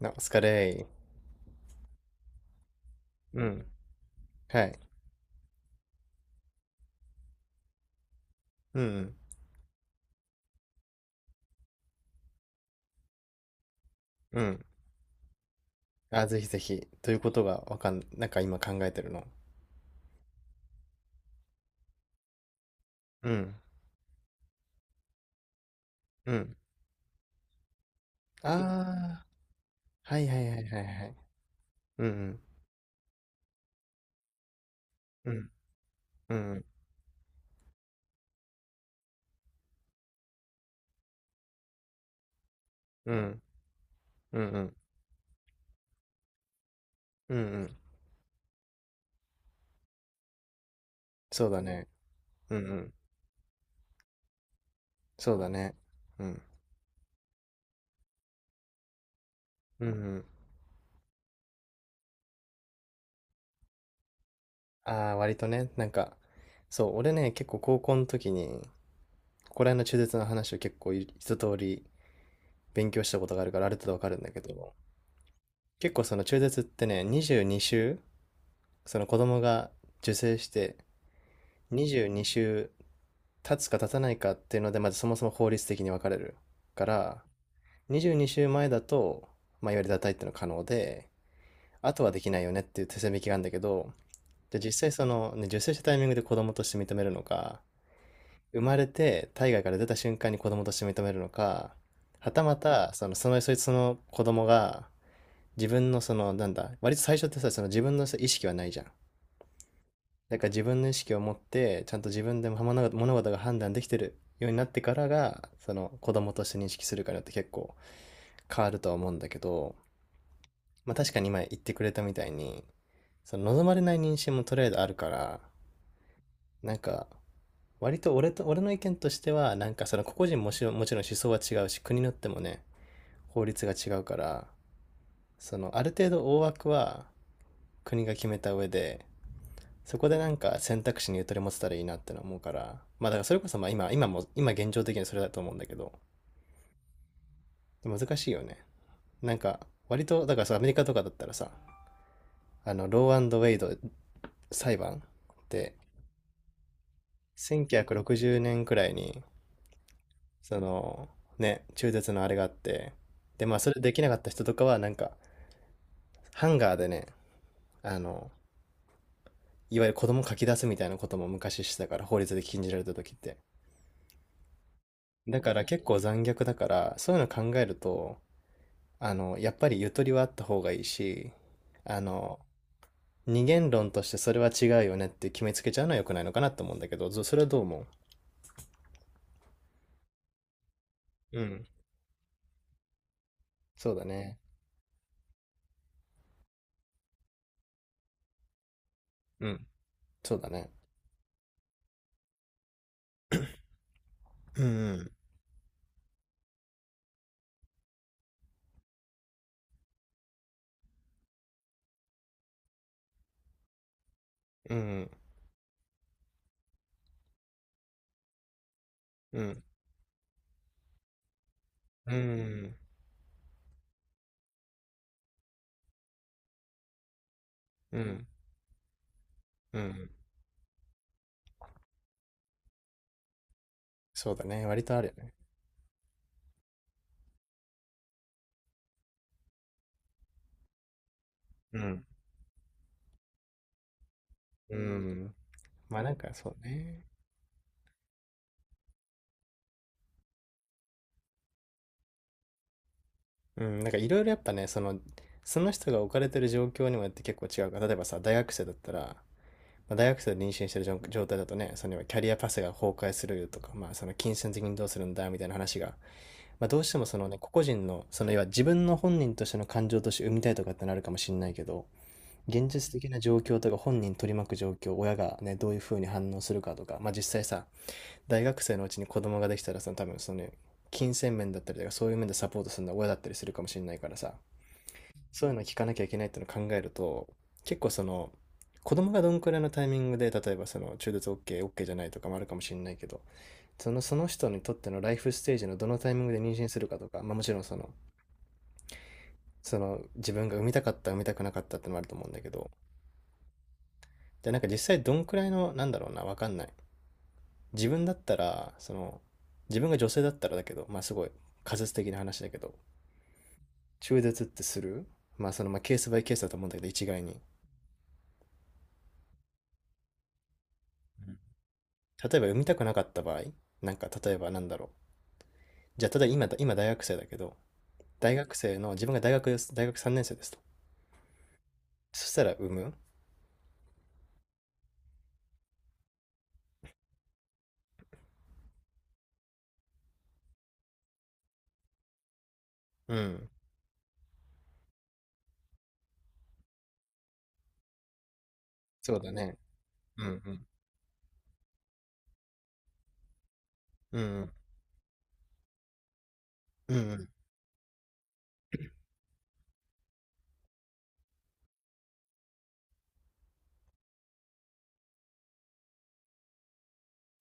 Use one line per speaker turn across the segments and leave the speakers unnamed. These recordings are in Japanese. なお疲れー。うん。はい。うん、うん。うん。あ、ぜひぜひ。ということがわかん、なんか今考えてるの。うん。うん。ああ、はいはいはいはいはい。うん、うん。うん、うん。うん、うん。うん、うん。うんそうだね。うん、うん。そうだね。うん。うん、うん。ああ、割とね、なんか、そう、俺ね、結構高校の時に、ここら辺の中絶の話を結構一通り勉強したことがあるから、ある程度わかるんだけど、結構その中絶ってね、22週その子供が受精して22週経つか経たないかっていうので、まずそもそも法律的に分かれるから、22週前だと、まあ、いわゆる堕胎っていうのは可能で、あとはできないよねっていう手線引きがあるんだけど、じゃあ実際その、ね、受精したタイミングで子供として認めるのか、生まれて体外から出た瞬間に子供として認めるのか、はたまた、そいつの子供が、自分のその、なんだ、割と最初ってさ、その自分のさ意識はないじゃん。だから自分の意識を持って、ちゃんと自分でも物事が判断できてるようになってからが、その子供として認識するかによって結構変わるとは思うんだけど、まあ確かに今言ってくれたみたいに、その望まれない妊娠もとりあえずあるから、なんか、割と俺の意見としては、なんかその個々人もしもちろん思想は違うし、国によってもね、法律が違うから、そのある程度大枠は国が決めた上で、そこでなんか選択肢にゆとり持てたらいいなっての思うから、まあだからそれこそまあ今現状的にそれだと思うんだけど、難しいよね。なんか、割と、だからさ、アメリカとかだったらさ、あの、ローアンドウェイド裁判って1960年くろくじゅうねんくらいに、その、ね、中絶のあれがあって、で、まあそれできなかった人とかはなんか、ハンガーでね、あの、いわゆる子供書き出すみたいなことも昔してたから、法律で禁じられた時って。だから結構残虐だから、そういうの考えると、あの、やっぱりゆとりはあった方がいいし、あの、二元論としてそれは違うよねって決めつけちゃうのは良くないのかなと思うんだけど、それはどう思ううん。そうだね。うん。そうだね。うん。うん。うん。うん。うん。うん。そうだね。割とあるよね。うん。うん。まあなんかそうね。うん。なんかいろいろやっぱね、その、その人が置かれてる状況にもよって結構違うから、例えばさ、大学生だったら、まあ、大学生で妊娠してる状態だとね、そのキャリアパスが崩壊するとか、まあ、その金銭的にどうするんだみたいな話が、まあ、どうしてもそのね、個々人の、その要は自分の本人としての感情として生みたいとかってなるかもしれないけど、現実的な状況とか本人取り巻く状況、親がね、どういうふうに反応するかとか、まあ実際さ、大学生のうちに子供ができたらさ、多分そのね、金銭面だったりとか、そういう面でサポートするのは親だったりするかもしれないからさ、そういうの聞かなきゃいけないっていうのを考えると、結構その、子供がどんくらいのタイミングで、例えばその中絶 OK、OK じゃないとかもあるかもしれないけど、その、その人にとってのライフステージのどのタイミングで妊娠するかとか、まあもちろんその、その自分が産みたかった、産みたくなかったってのもあると思うんだけど、じゃあなんか実際どんくらいの、なんだろうな、わかんない。自分だったら、その、自分が女性だったらだけど、まあすごい仮説的な話だけど、中絶ってするまあその、まあケースバイケースだと思うんだけど、一概に。例えば読みたくなかった場合、なんか例えばなんだろう。じゃあ、例えば今大学生だけど、大学生の、自分が大学3年生ですと。そしたら産むうん。そうだね。うんうん。うんうん。うんうん。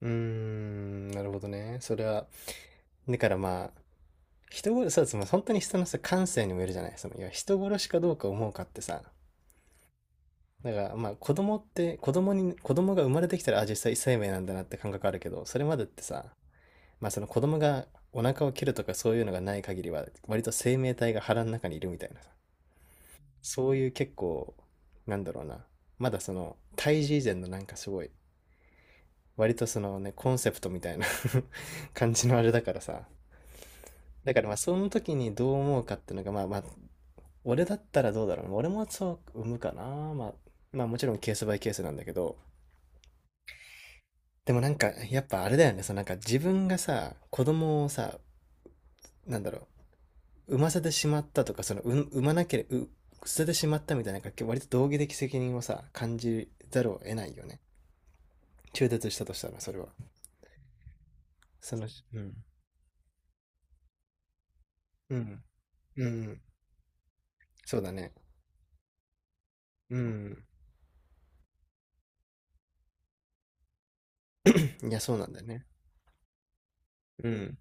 うーん、なるほどね。それは、だからまあ、人殺し、そうです。まあ、本当に人のさ、感性にもよるじゃない。その、いや、人殺しかどうか思うかってさ、だからまあ子供って子供に子供が生まれてきたらあ実際生命なんだなって感覚あるけどそれまでってさまあその子供がお腹を切るとかそういうのがない限りは割と生命体が腹の中にいるみたいなさそういう結構なんだろうなまだその胎児以前のなんかすごい割とそのねコンセプトみたいな 感じのあれだからさだからまあその時にどう思うかっていうのがまあまあ俺だったらどうだろうな俺もそう産むかなまあまあもちろんケースバイケースなんだけどでもなんかやっぱあれだよねそのなんか自分がさ子供をさなんだろう産ませてしまったとか、その、産まなければ、捨ててしまったみたいな、割と道義的責任をさ、感じざるを得ないよね。中絶したとしたら、それは。その、うん。うん。うん。そうだね。うん。いや、そうなんだよね。うん。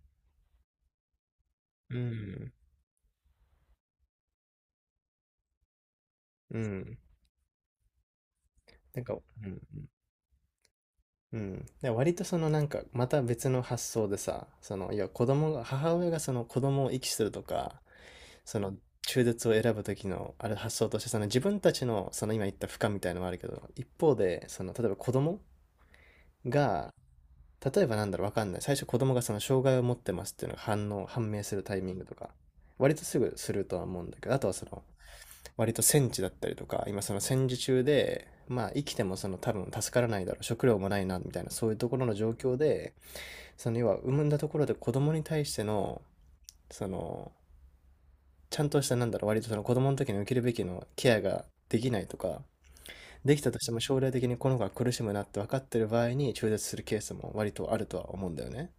うん。うん。なんか、うん。うん。で割とそのなんか、また別の発想でさ、その、いや、子供が、母親がその子供を遺棄するとか、その中絶を選ぶ時のあれ発想としてその自分たちのその今言った負荷みたいのもあるけど一方でその例えば子供が例えばなんだろうわかんない最初子供がその障害を持ってますっていうのが反応判明するタイミングとか割とすぐするとは思うんだけどあとはその割と戦地だったりとか今その戦時中でまあ生きてもその多分助からないだろう食料もないなみたいなそういうところの状況でその要は産んだところで子供に対してのそのちゃんとした、なんだろう、割とその子供の時に受けるべきのケアができないとか、できたとしても将来的にこの子が苦しむなって分かってる場合に中絶するケースも割とあるとは思うんだよね。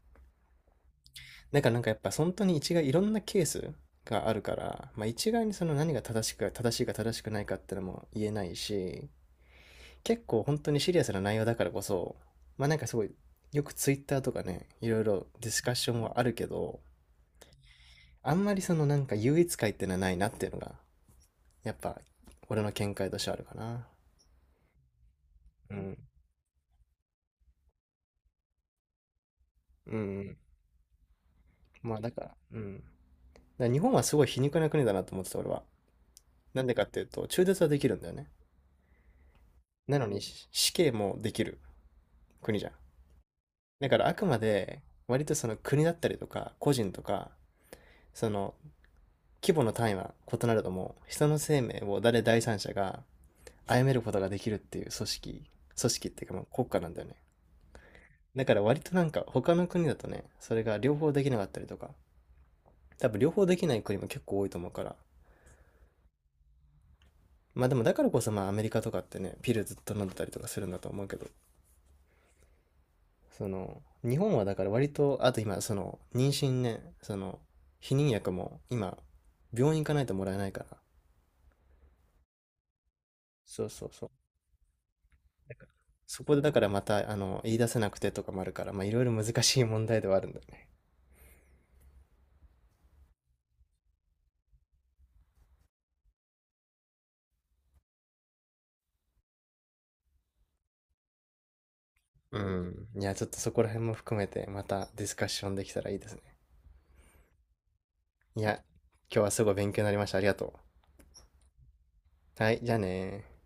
だからなんかやっぱ本当に一概いろんなケースがあるから、まあ、一概にその何が正しく正しいか正しくないかってのも言えないし、結構本当にシリアスな内容だからこそ、まあなんかすごいよくツイッターとかね、いろいろディスカッションはあるけど、あんまりそのなんか優越感ってのはないなっていうのがやっぱ、俺の見解としてあるかな。うん。うん。まあ、だから、うん。だから日本はすごい皮肉な国だなと思ってた、俺は。なんでかっていうと、中絶はできるんだよね。なのに、死刑もできる国じゃん。だから、あくまで、割とその国だったりとか、個人とか、その規模の単位は異なるとも、人の生命を誰第三者が殺めることができるっていう組織、組織っていうかまあ国家なんだよね。だから割となんか他の国だとね、それが両方できなかったりとか、多分両方できない国も結構多いと思うから。まあでもだからこそまあアメリカとかってね、ピルずっと飲んでたりとかするんだと思うけど、その、日本はだから割と、あと今その、妊娠ね、その、避妊薬も今、病院行かないともらえないから。そう。そこでだからまた、あの、言い出せなくてとかもあるから、まあいろいろ難しい問題ではあるんだよね。うん。いや、ちょっとそこら辺も含めてまたディスカッションできたらいいですね。いや、今日はすごい勉強になりました。ありがとう。はい、じゃあねー。